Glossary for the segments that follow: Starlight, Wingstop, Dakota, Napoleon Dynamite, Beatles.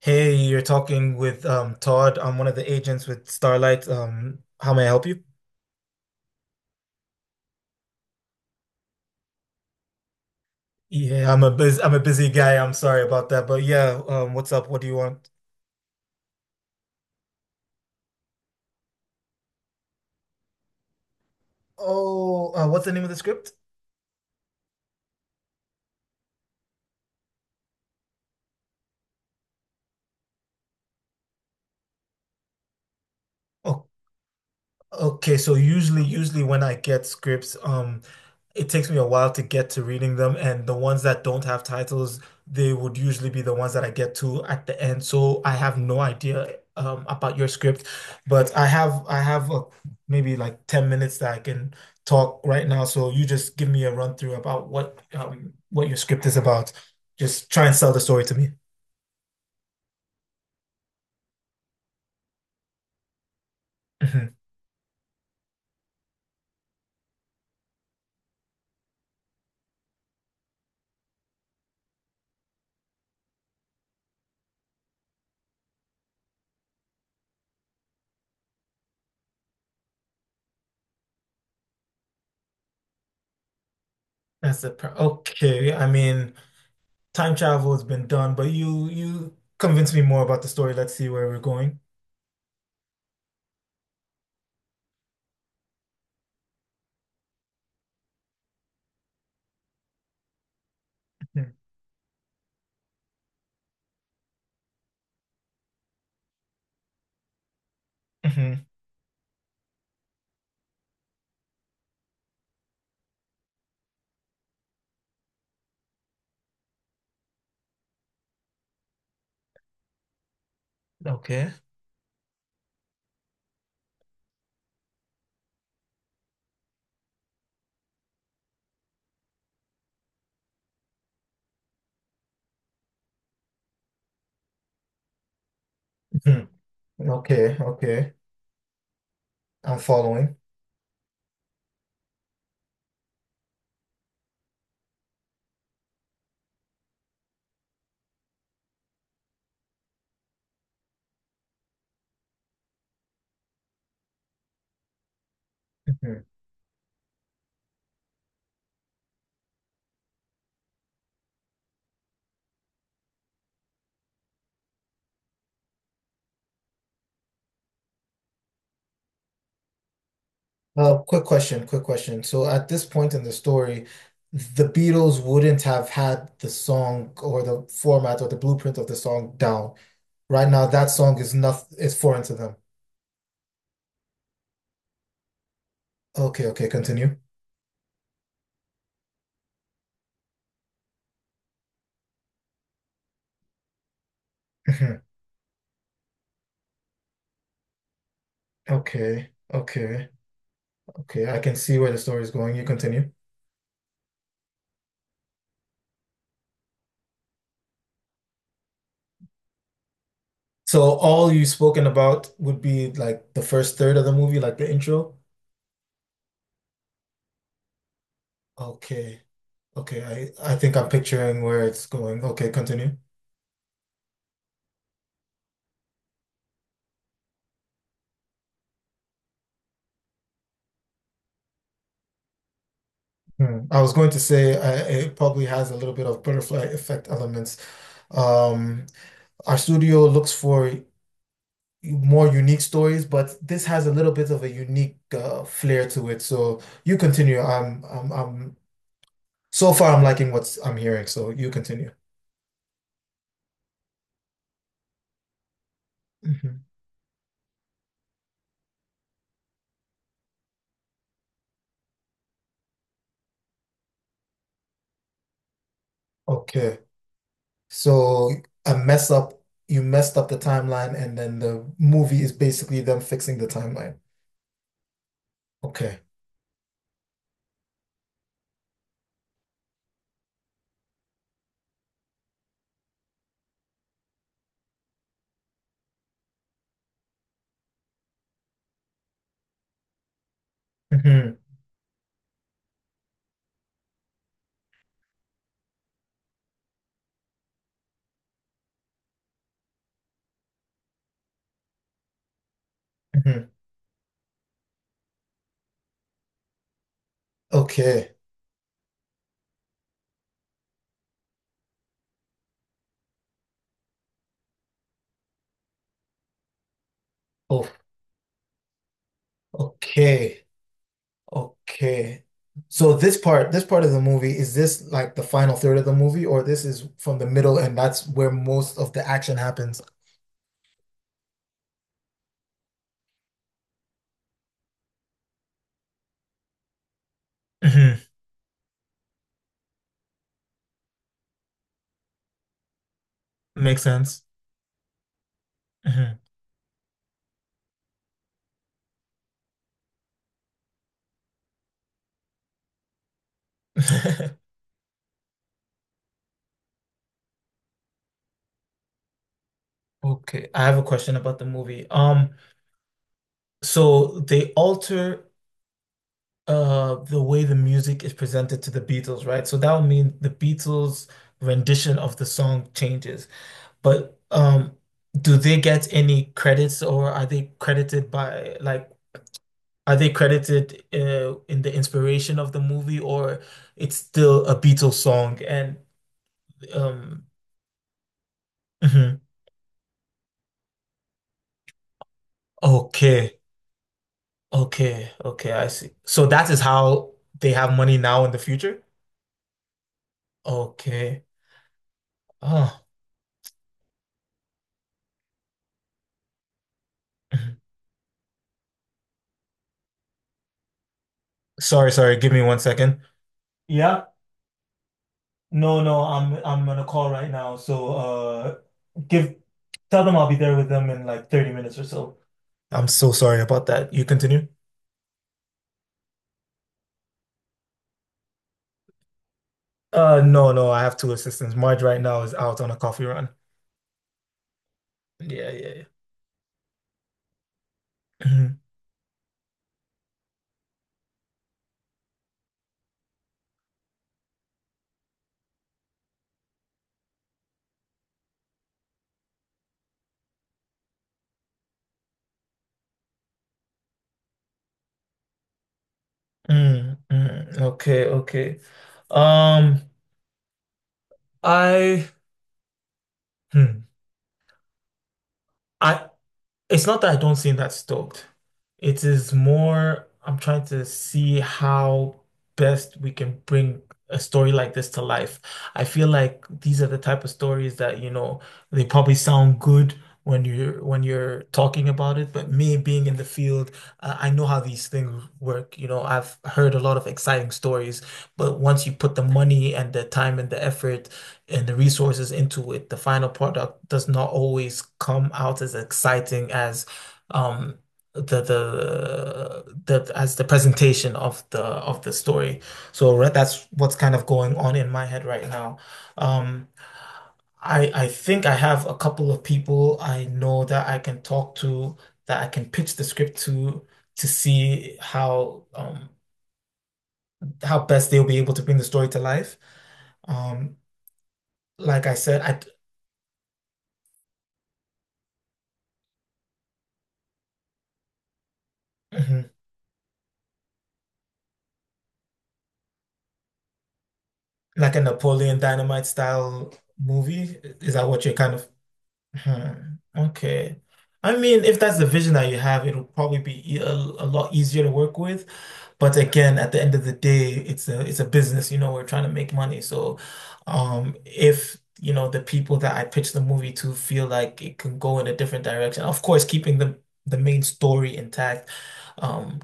Hey, you're talking with Todd. I'm one of the agents with Starlight. How may I help you? I'm a busy guy. I'm sorry about that, but what's up? What do you want? Oh, what's the name of the script? Oh, okay, so usually when I get scripts, it takes me a while to get to reading them, and the ones that don't have titles, they would usually be the ones that I get to at the end. So I have no idea about your script, but I have maybe like 10 minutes that I can talk right now. So you just give me a run through about what your script is about. Just try and sell the story to me. Mhm. That's the pro Okay. I mean, time travel has been done, but you convince me more about the story. Let's see where we're going. Mhm. Mhm. Okay. Mhm. Okay, okay. I'm following. Mhm. Quick question, quick question. So at this point in the story, the Beatles wouldn't have had the song or the format or the blueprint of the song down. Right now, that song is not is foreign to them. Okay, okay, continue. Mhm. Okay, okay, okay. I can see where the story is going. You continue. So all you've spoken about would be like the first third of the movie, like the intro. Okay. Okay. I think I'm picturing where it's going. Okay, continue. Hmm. I was going to say it probably has a little bit of butterfly effect elements. Um, our studio looks for more unique stories, but this has a little bit of a unique flair to it. So you continue. I'm so far I'm liking what I'm hearing. So you continue. Mhm. Okay. So a mess up, you messed up the timeline, and then the movie is basically them fixing the timeline. Okay. Hmm. Hmm. Okay. Oh, okay. Okay. So this part of the movie, is this like the final third of the movie, or this is from the middle and that's where most of the action happens? Hmm. Makes sense. Hmm. Okay. I have a question about the movie. So they alter the way the music is presented to the Beatles, right? So that would mean the Beatles' rendition of the song changes. But do they get any credits or are they credited by like, are they credited in the inspiration of the movie or it's still a Beatles song and um mhm. Okay. Okay. Okay, I see. So that is how they have money now in the future? Okay. Oh. Mhm. Sorry, sorry. Give me 1 second. Yeah. No, no, I'm on a call right now, so give, tell them I'll be there with them in like 30 minutes or so. I'm so sorry about that. You continue? No, no, I have two assistants. Marge right now is out on a coffee run. Yeah, yeah, yeah. Mhm. Mm, mm. Okay, okay. Um, I, hmm. I, it's not that I don't seem that stoked. It is more, I'm trying to see how best we can bring a story like this to life. I feel like these are the type of stories that, you know, they probably sound good when you're talking about it, but me being in the field, I know how these things work. You know, I've heard a lot of exciting stories, but once you put the money and the time and the effort and the resources into it, the final product does not always come out as exciting as um the the the, as the presentation of the story. So that's what's kind of going on in my head right now. Um I think I have a couple of people I know that I can talk to, that I can pitch the script to see how best they'll be able to bring the story to life. Um, like I said, I mhm. Like a Napoleon Dynamite style movie? Is that what you're kind of? Hmm, okay. I mean, if that's the vision that you have, it'll probably be a lot easier to work with. But again, at the end of the day, it's a business, you know, we're trying to make money. So, if, you know, the people that I pitch the movie to feel like it can go in a different direction, of course, keeping the main story intact. um,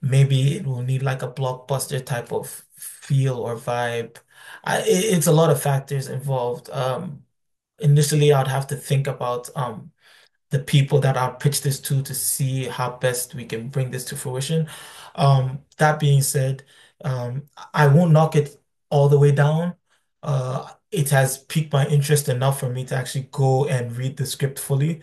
Maybe it will need like a blockbuster type of feel or vibe. I, it- it's a lot of factors involved. Initially, I'd have to think about the people that I'll pitch this to see how best we can bring this to fruition. That being said, um, I won't knock it all the way down. It has piqued my interest enough for me to actually go and read the script fully.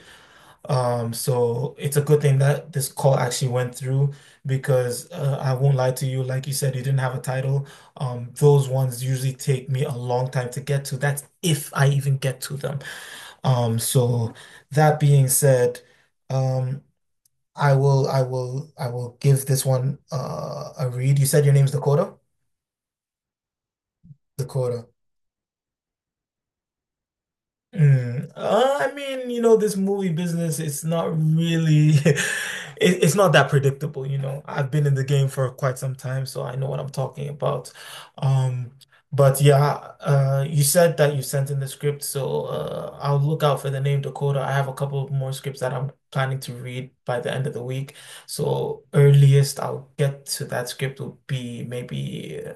So it's a good thing that this call actually went through because I won't lie to you, like you said, you didn't have a title. Those ones usually take me a long time to get to. That's if I even get to them. So that being said, um, I will, I will, I will give this one a read. You said your name's Dakota? Dakota. Mm, I mean, you know, this movie business, it's not really, it's not that predictable, you know. I've been in the game for quite some time, so I know what I'm talking about. Um, but yeah, you said that you sent in the script, so I'll look out for the name Dakota. I have a couple of more scripts that I'm planning to read by the end of the week. So earliest I'll get to that script will be maybe,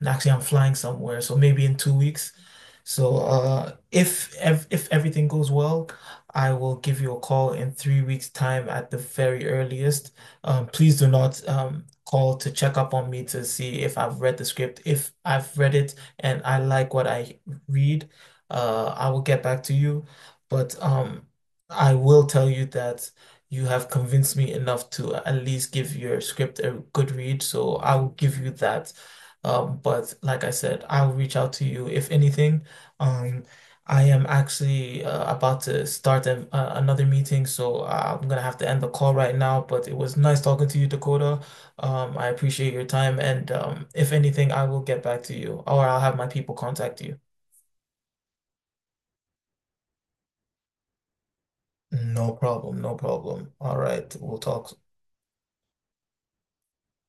and actually I'm flying somewhere, so maybe in 2 weeks. So, if everything goes well, I will give you a call in 3 weeks' time at the very earliest. Please do not call to check up on me to see if I've read the script. If I've read it and I like what I read, I will get back to you. But I will tell you that you have convinced me enough to at least give your script a good read. So I will give you that. But like I said, I'll reach out to you if anything. Um, I am actually about to start another meeting, so I'm gonna have to end the call right now. But it was nice talking to you, Dakota. I appreciate your time, and if anything, I will get back to you, or I'll have my people contact you. No problem, no problem. All right, we'll talk soon.